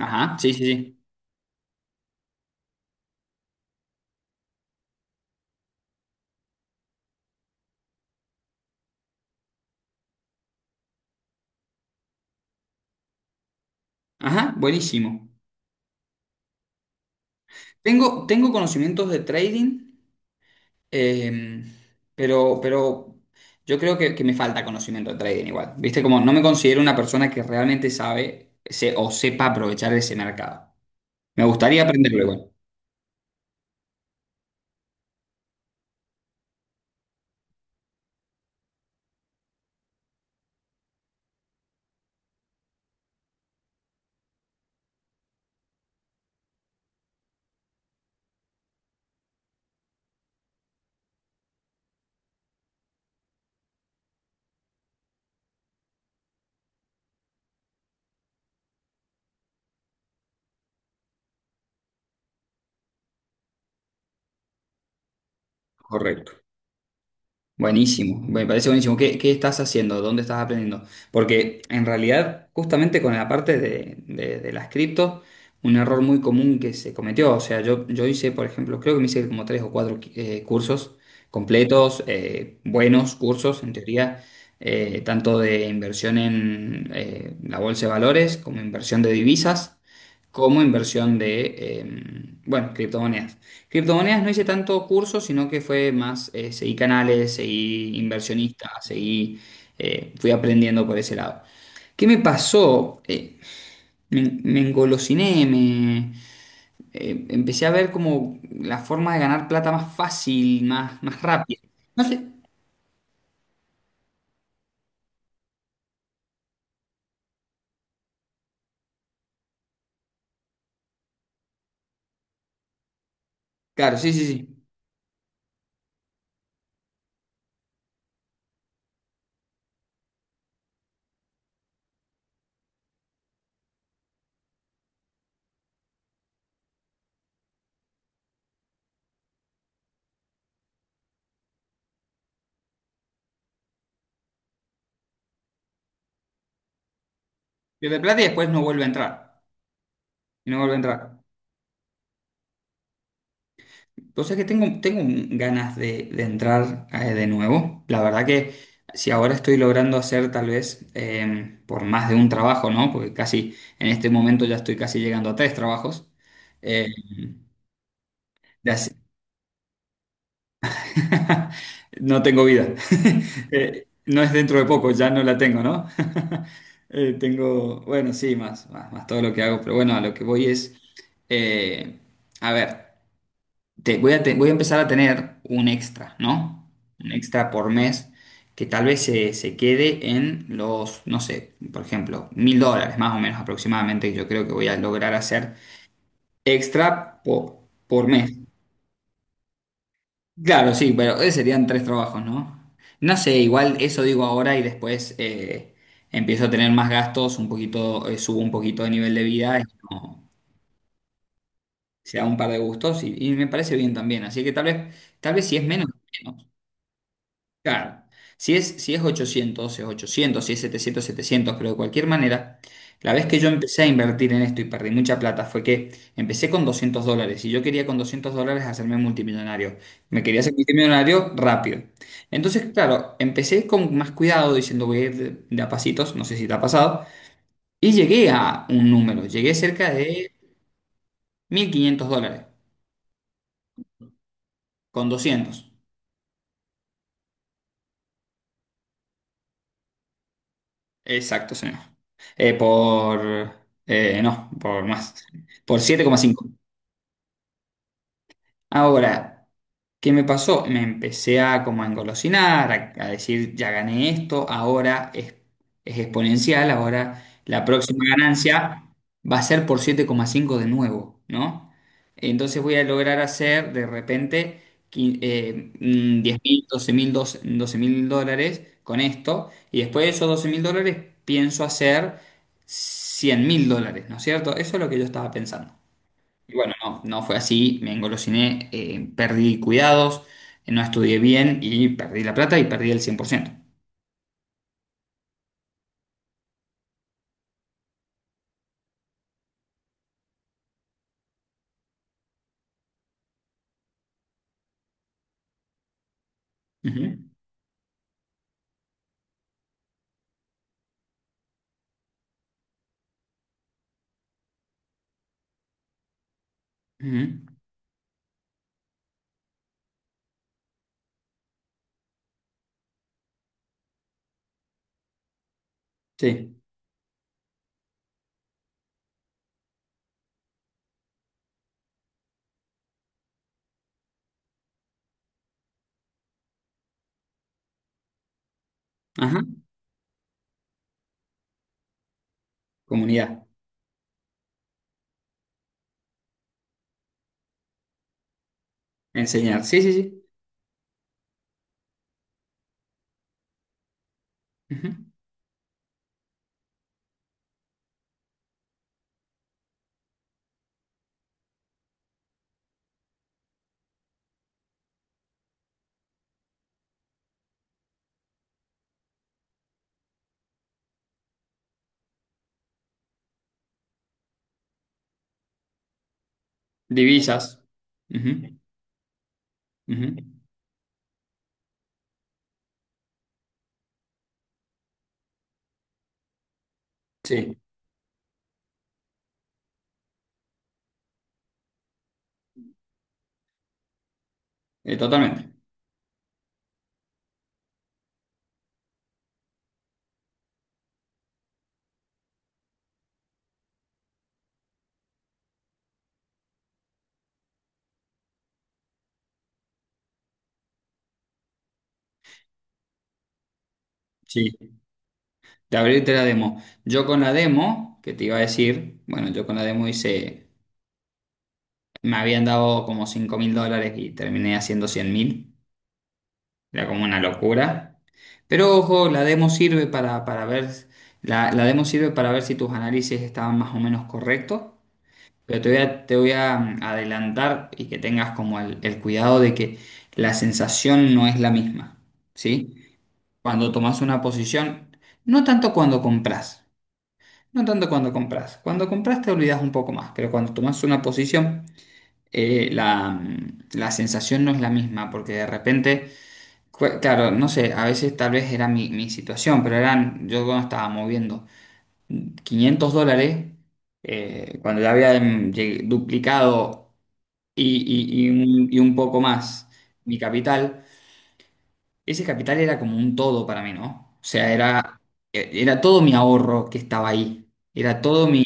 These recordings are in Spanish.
Ajá, sí, sí, sí. Ajá, buenísimo. Tengo conocimientos de trading, em, pero yo creo que me falta conocimiento de trading igual. Viste, como no me considero una persona que realmente sabe o sepa aprovechar ese mercado. Me gustaría aprenderlo igual. Correcto. Buenísimo, me parece buenísimo. ¿Qué estás haciendo? ¿Dónde estás aprendiendo? Porque en realidad, justamente con la parte de las criptos, un error muy común que se cometió. O sea, yo hice, por ejemplo, creo que me hice como tres o cuatro cursos completos, buenos cursos, en teoría, tanto de inversión en la bolsa de valores como inversión de divisas, como inversión de, bueno, criptomonedas. Criptomonedas no hice tanto curso, sino que fue más, seguí canales, seguí inversionistas, seguí, fui aprendiendo por ese lado. ¿Qué me pasó? Me engolosiné, empecé a ver como la forma de ganar plata más fácil, más rápida. No sé. Claro, sí, sí, sí. Pierde plata y después no vuelve a entrar. Y no vuelve a entrar. O sea que tengo ganas de entrar de nuevo. La verdad que si ahora estoy logrando hacer tal vez por más de un trabajo, ¿no? Porque casi en este momento ya estoy casi llegando a tres trabajos. Eh, de hace- No tengo vida. No es dentro de poco, ya no la tengo, ¿no? Tengo, bueno, sí, más, más, más todo lo que hago, pero bueno, a lo que voy es, eh, a ver. Voy a, voy a empezar a tener un extra, ¿no? Un extra por mes que tal vez se quede en los, no sé, por ejemplo, $1.000 más o menos aproximadamente, que yo creo que voy a lograr hacer extra por mes. Claro, sí, pero serían tres trabajos, ¿no? No sé, igual eso digo ahora y después empiezo a tener más gastos, un poquito, subo un poquito de nivel de vida, es como, se da un par de gustos y me parece bien también, así que tal vez si es menos. Claro, si es 800, es 800, si es 700, 700, pero de cualquier manera, la vez que yo empecé a invertir en esto y perdí mucha plata fue que empecé con $200 y yo quería con $200 hacerme multimillonario. Me quería hacer multimillonario rápido. Entonces, claro, empecé con más cuidado diciendo voy a ir de a pasitos, no sé si te ha pasado, y llegué a un número, llegué cerca de $1.500 con 200. Exacto, señor. Eh, por... no, por más. Por 7,5. Ahora, ¿qué me pasó? Me empecé a como a engolosinar, a decir, ya gané esto, ahora es exponencial, ahora la próxima ganancia va a ser por 7,5 de nuevo, ¿no? Entonces voy a lograr hacer de repente 10 mil, doce mil dólares con esto, y después de esos $12.000 pienso hacer $100.000, ¿no es cierto? Eso es lo que yo estaba pensando. Y bueno, no, no fue así, me engolosiné, perdí cuidados, no estudié bien y perdí la plata y perdí el 100%. Ujú, ujú, sí, ajá, comunidad, enseñar, sí, sí, sí. Ujú. Divisas, ujú, ujú, sí, totalmente. Sí, de abrirte la demo. Yo con la demo, que te iba a decir, bueno, yo con la demo hice, me habían dado como $5.000 y terminé haciendo 100.000, era como una locura. Pero ojo, la demo sirve para ver, la demo sirve para ver si tus análisis estaban más o menos correctos, pero te voy a adelantar y que tengas como el cuidado de que la sensación no es la misma, ¿sí? Cuando tomas una posición, no tanto cuando compras, no tanto cuando compras, cuando compras te olvidas un poco más, pero cuando tomas una posición, la sensación no es la misma, porque de repente. Claro, no sé, a veces tal vez era mi situación, pero yo cuando estaba moviendo $500, cuando ya había duplicado y un poco más mi capital, ese capital era como un todo para mí, ¿no? O sea, era todo mi ahorro que estaba ahí, era todo mi.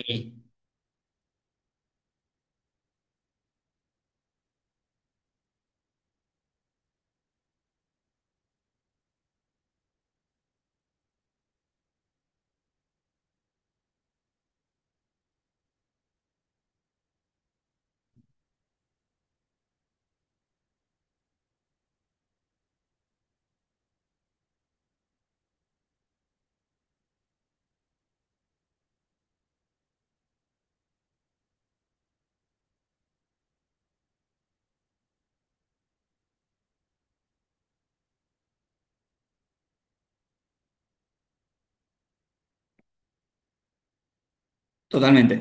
Totalmente,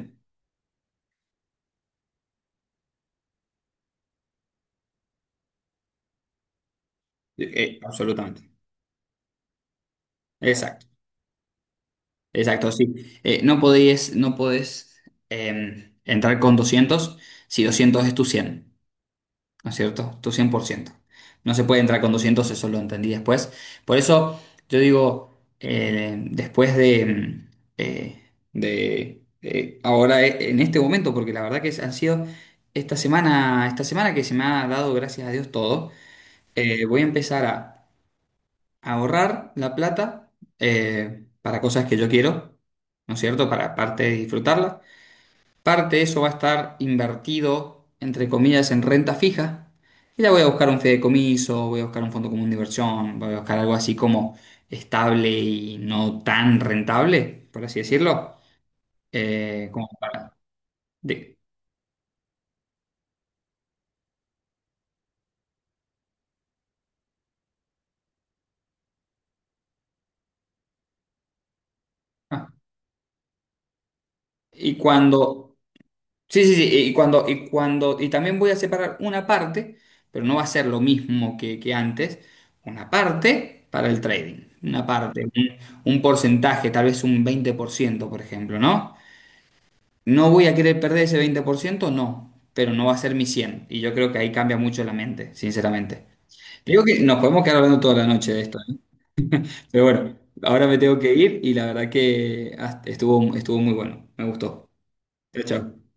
absolutamente. Exacto, exacto, sí. No podés entrar con 200 si 200 es tu 100, ¿no es cierto? Tu 100%. No se puede entrar con 200, eso lo entendí después. Por eso yo digo, después eh, de ahora en este momento, porque la verdad que han sido esta semana que se me ha dado, gracias a Dios, todo, voy a empezar a ahorrar la plata para cosas que yo quiero, ¿no es cierto? Para aparte de disfrutarla. Parte de eso va a estar invertido, entre comillas, en renta fija. Y ya voy a buscar un fideicomiso, voy a buscar un fondo común de inversión, voy a buscar algo así como estable y no tan rentable, por así decirlo. Como para- de- ah, y cuando, sí, sí, sí, y cuando, y también voy a separar una parte, pero no va a ser lo mismo que antes, una parte para el trading, una parte, un porcentaje, tal vez un 20% por ejemplo, ¿no? No voy a querer perder ese 20%, no, pero no va a ser mi 100. Y yo creo que ahí cambia mucho la mente, sinceramente. Digo que nos podemos quedar hablando toda la noche de esto, ¿eh? Pero bueno, ahora me tengo que ir y la verdad que estuvo muy bueno, me gustó. Chao, chao.